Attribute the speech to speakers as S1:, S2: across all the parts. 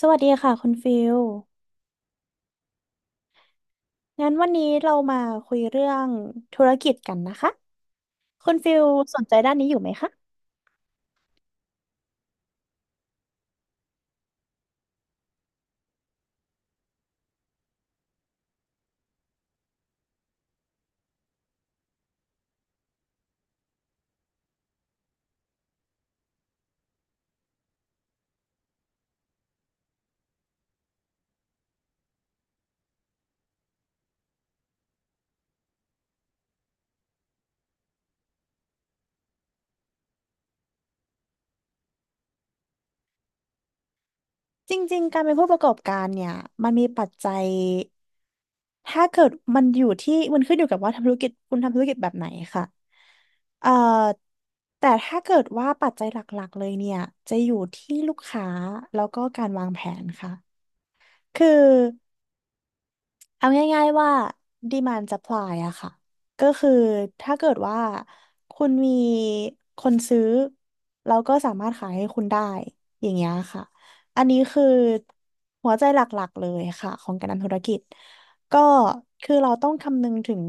S1: สวัสดีค่ะคุณฟิลงั้นวันนี้เรามาคุยเรื่องธุรกิจกันนะคะคุณฟิลสนใจด้านนี้อยู่ไหมคะ จริงๆ การเป็นผู้ประกอบการเนี่ยมันมีปัจจัยถ้าเกิดมันอยู่ที่มันขึ้นอยู่กับว่าทำธุรกิจคุณทำธุรกิจแบบไหนค่ะเอ่อแต่ถ้าเกิดว่าปัจจัยหลักๆ เลยเนี่ยจะอยู่ที่ลูกค้าแล้วก็การวางแผนค่ะคือ เอาง่ายๆว่า demand supply อะค่ะ ก็คือถ้าเกิดว่าคุณมีคนซื้อเราก็สามารถขายให้คุณได้อย่างเงี้ยค่ะ อันนี้คือหัวใจหลักๆเลยค่ะของการทำธุรกิจ ก็คือเราต้องคำนึงถึง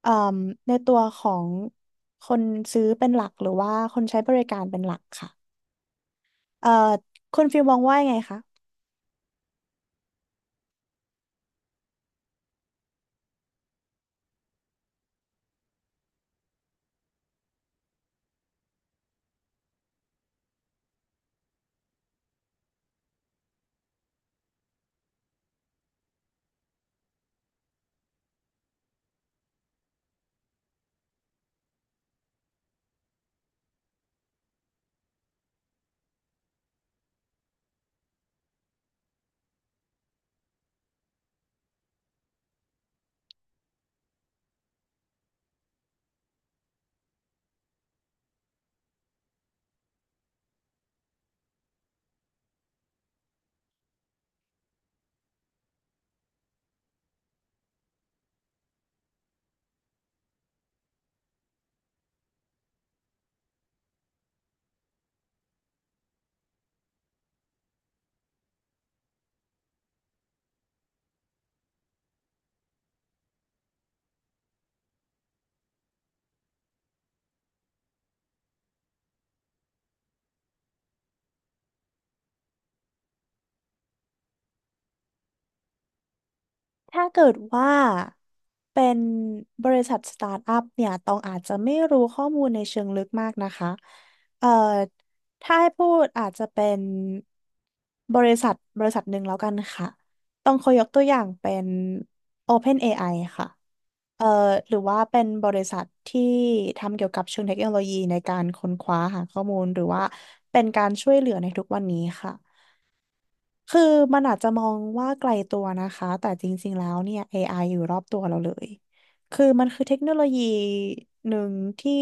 S1: เอ่มในตัวของคนซื้อเป็นหลักหรือว่าคนใช้บริการเป็นหลักค่ะเอ่อคุณฟิลมองว่ายังไงคะ ถ้าเกิดว่าเป็นบริษัทสตาร์ทอัพเนี่ยตองอาจจะไม่รู้ข้อมูลในเชิงลึกมากนะคะเอ่อถ้าให้พูดอาจจะเป็นบริษัทหนึ่งแล้วกันค่ะต้องขอยกตัวอย่างเป็น OpenAI ค่ะเอ่อหรือว่าเป็นบริษัทที่ทำเกี่ยวกับเชิงเทคโนโลยีในการค้นคว้าหาข้อมูลหรือว่าเป็นการช่วยเหลือในทุกวันนี้ค่ะ คือมันอาจจะมองว่าไกลตัวนะคะแต่จริงๆแล้วเนี่ย AI อยู่รอบตัวเราเลย คือมันคือเทคโนโลยีหนึ่งที่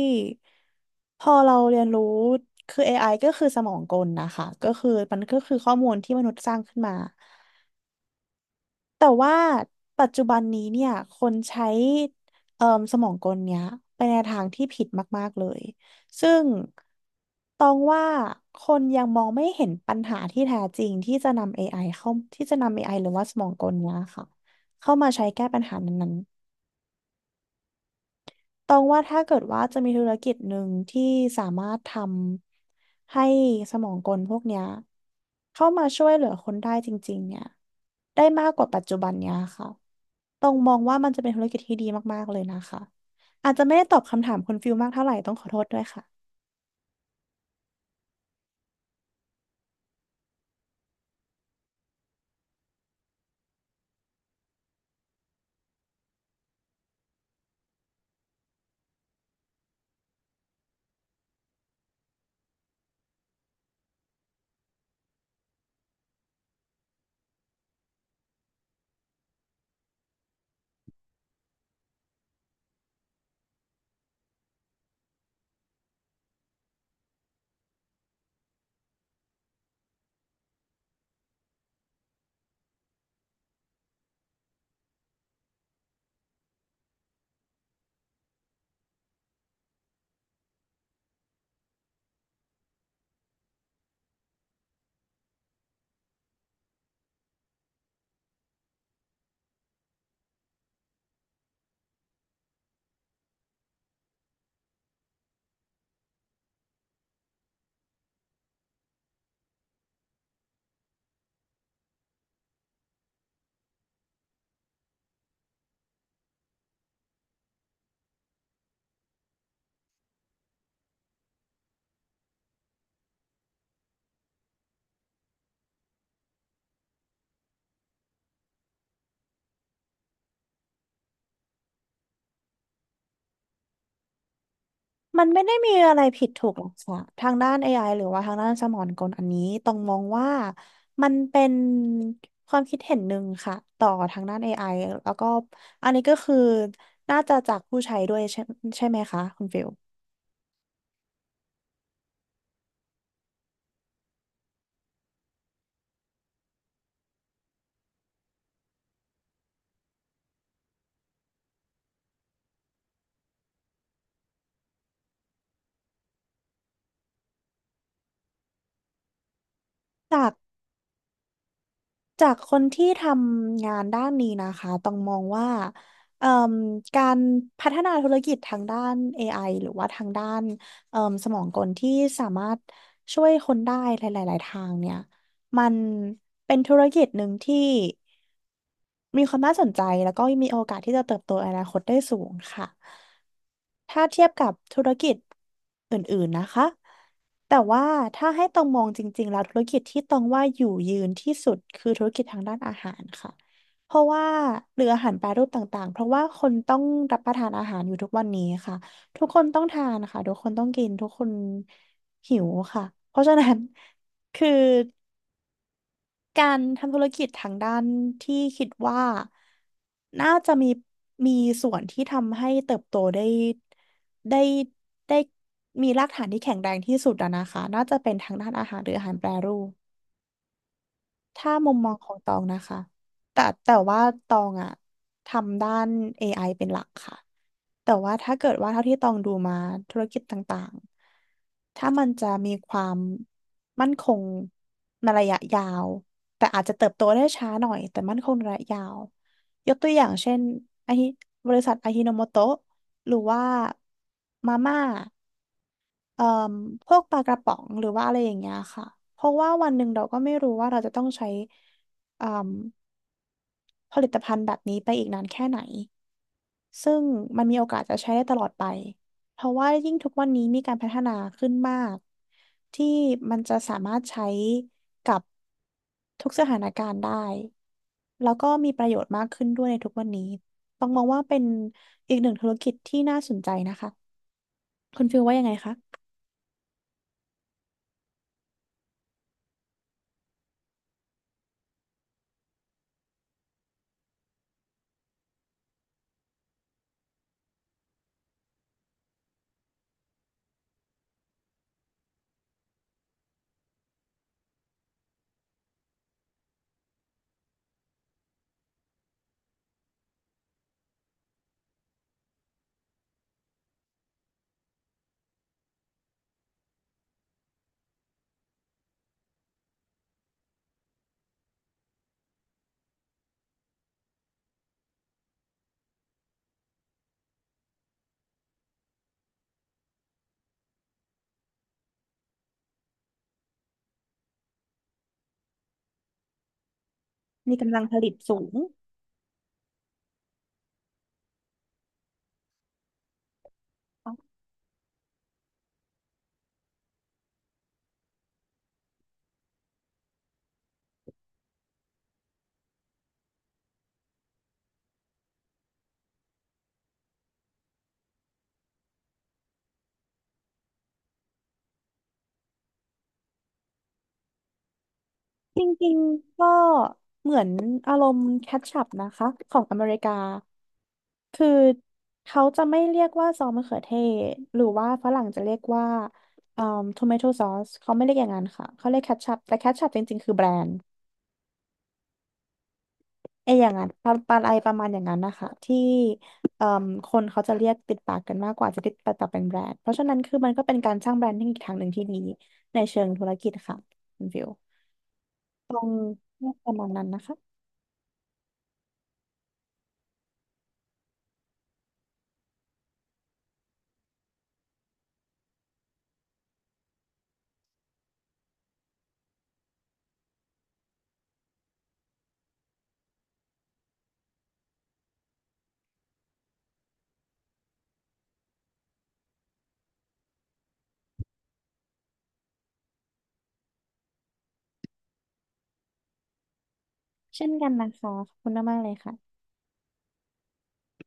S1: พอเราเรียนรู้คือ AI ก็คือสมองกลนะคะก็คือมันก็คือข้อมูลที่มนุษย์สร้างขึ้นมา แต่ว่าปัจจุบันนี้เนี่ยคนใช้เอ่อสมองกลเนี้ยไปในทางที่ผิดมากๆเลยซึ่งตองว่าคนยังมองไม่เห็นปัญหาที่แท้จริงที่จะนำ AI เข้าที่จะนำ AI หรือว่าสมองกลเนี้ยค่ะเข้ามาใช้แก้ปัญหานั้นๆตองว่าถ้าเกิดว่าจะมีธุรกิจหนึ่งที่สามารถทำให้สมองกลพวกเนี้ยเข้ามาช่วยเหลือคนได้จริงๆเนี่ยได้มากกว่าปัจจุบันเนี้ยค่ะต้องค่ะ มันไม่ได้มีอะไรผิดถูกหรอกค่ะทางด้าน AI หรือว่าทางด้านสมองกลอันนี้ต้องมองว่ามันเป็นความคิดเห็นหนึ่งค่ะต่อทางด้าน AI แล้วก็อันนี้ก็คือน่าจะจากผู้ใช้ด้วยใช่ไหมคะคุณฟิลจาก จากคนที่ทำงานด้านนี้นะคะต้องมองว่าเอ่มการพัฒนาธุรกิจทางด้าน AI หรือว่าทางด้านเอ่มสมองกลที่สามารถช่วยคนได้หลายๆทางเนี่ยมันเป็นธุรกิจหนึ่งที่ มีความน่าสนใจแล้วก็มีโอกาสที่จะเติบโตในอนาคตได้สูงค่ะ ถ้าเทียบกับธุรกิจอื่นๆนะคะ แต่ว่าถ้าให้ตองมองจริงๆแล้วธุรกิจที่ตองว่าอยู่ยืนที่สุดคือธุรกิจทางด้านอาหารค่ะ เพราะว่าหรืออาหารแปรรูปต่างๆเพราะว่าคนต้องรับประทานอาหารอยู่ทุกวันนี้ค่ะ ทุกคนต้องทานค่ะ ทุกคนต้องกินทุกคนหิวค่ะเพราะฉะนั้น คือ การทำธุรกิจทางด้านที่คิดว่าน่าจะมีมีส่วนที่ทำให้เติบโตได้ได้ได้มีรากฐานที่แข็งแรงที่สุดอะนะคะน่าจะเป็นทางด้านอาหารหรืออาหารแปรรูปถ้ามุมมองของตองนะคะแต่ว่าตองอะทำด้าน AI เป็นหลักค่ะ แต่ว่าถ้าเกิดว่าเท่าที่ตองดูมาธุรกิจต่างๆ ถ้ามันจะมีความมั่นคงในระยะยาวแต่อาจจะเติบโตได้ช้าหน่อยแต่มั่นคงในระยะยาวยกตัวอย่างเช่นไอาฮิบริษัทอาฮิโนโมโตะหรือว่ามาม่าเอ่อพวกปลากระป๋องหรือว่าอะไรอย่างเงี้ยค่ะเพราะว่าวันหนึ่งเราก็ไม่รู้ว่าเราจะต้องใช้เอ่มผลิตภัณฑ์แบบนี้ไปอีกนานแค่ไหน ซึ่งมันมีโอกาสจะใช้ได้ตลอดไป เพราะว่ายิ่งทุกวันนี้มีการพัฒนาขึ้นมากที่มันจะสามารถใช้กับทุกสถานการณ์ได้ แล้วก็มีประโยชน์มากขึ้นด้วยในทุกวันนี้ต้องมองว่าเป็นอีกหนึ่งธุรกิจที่น่าสนใจนะคะ คุณฟิลว่ายังไงคะ มีกำลังผลิตสูง จริงๆก็เหมือนอารมณ์แคชชัพนะคะของอเมริกาคือเขาจะไม่เรียกว่าซอสมะเขือเทศหรือว่าฝรั่งจะเรียกว่าเอ่อทอมเมโทซอสเขาไม่เรียกอย่างนั้นค่ะเขาเรียกแคชชัพแต่แคชชัพจริงๆคือแบรนด์ไออย่างนั้นปลาอะไรประมาณอย่างนั้นนะคะที่เอ่มคนเขาจะเรียกติดปากกันมากกว่าจะติดปากต่อเป็นแบรนด์เพราะฉะนั้นคือมันก็เป็นการสร้างแบรนดิ้งอีกทางหนึ่งที่ดีในเชิงธุรกิจค่ะคุณฟิวตรงประมาณนั้นนะคะ เช่นกันนะคะขอบคุณมากๆเลยค่ะ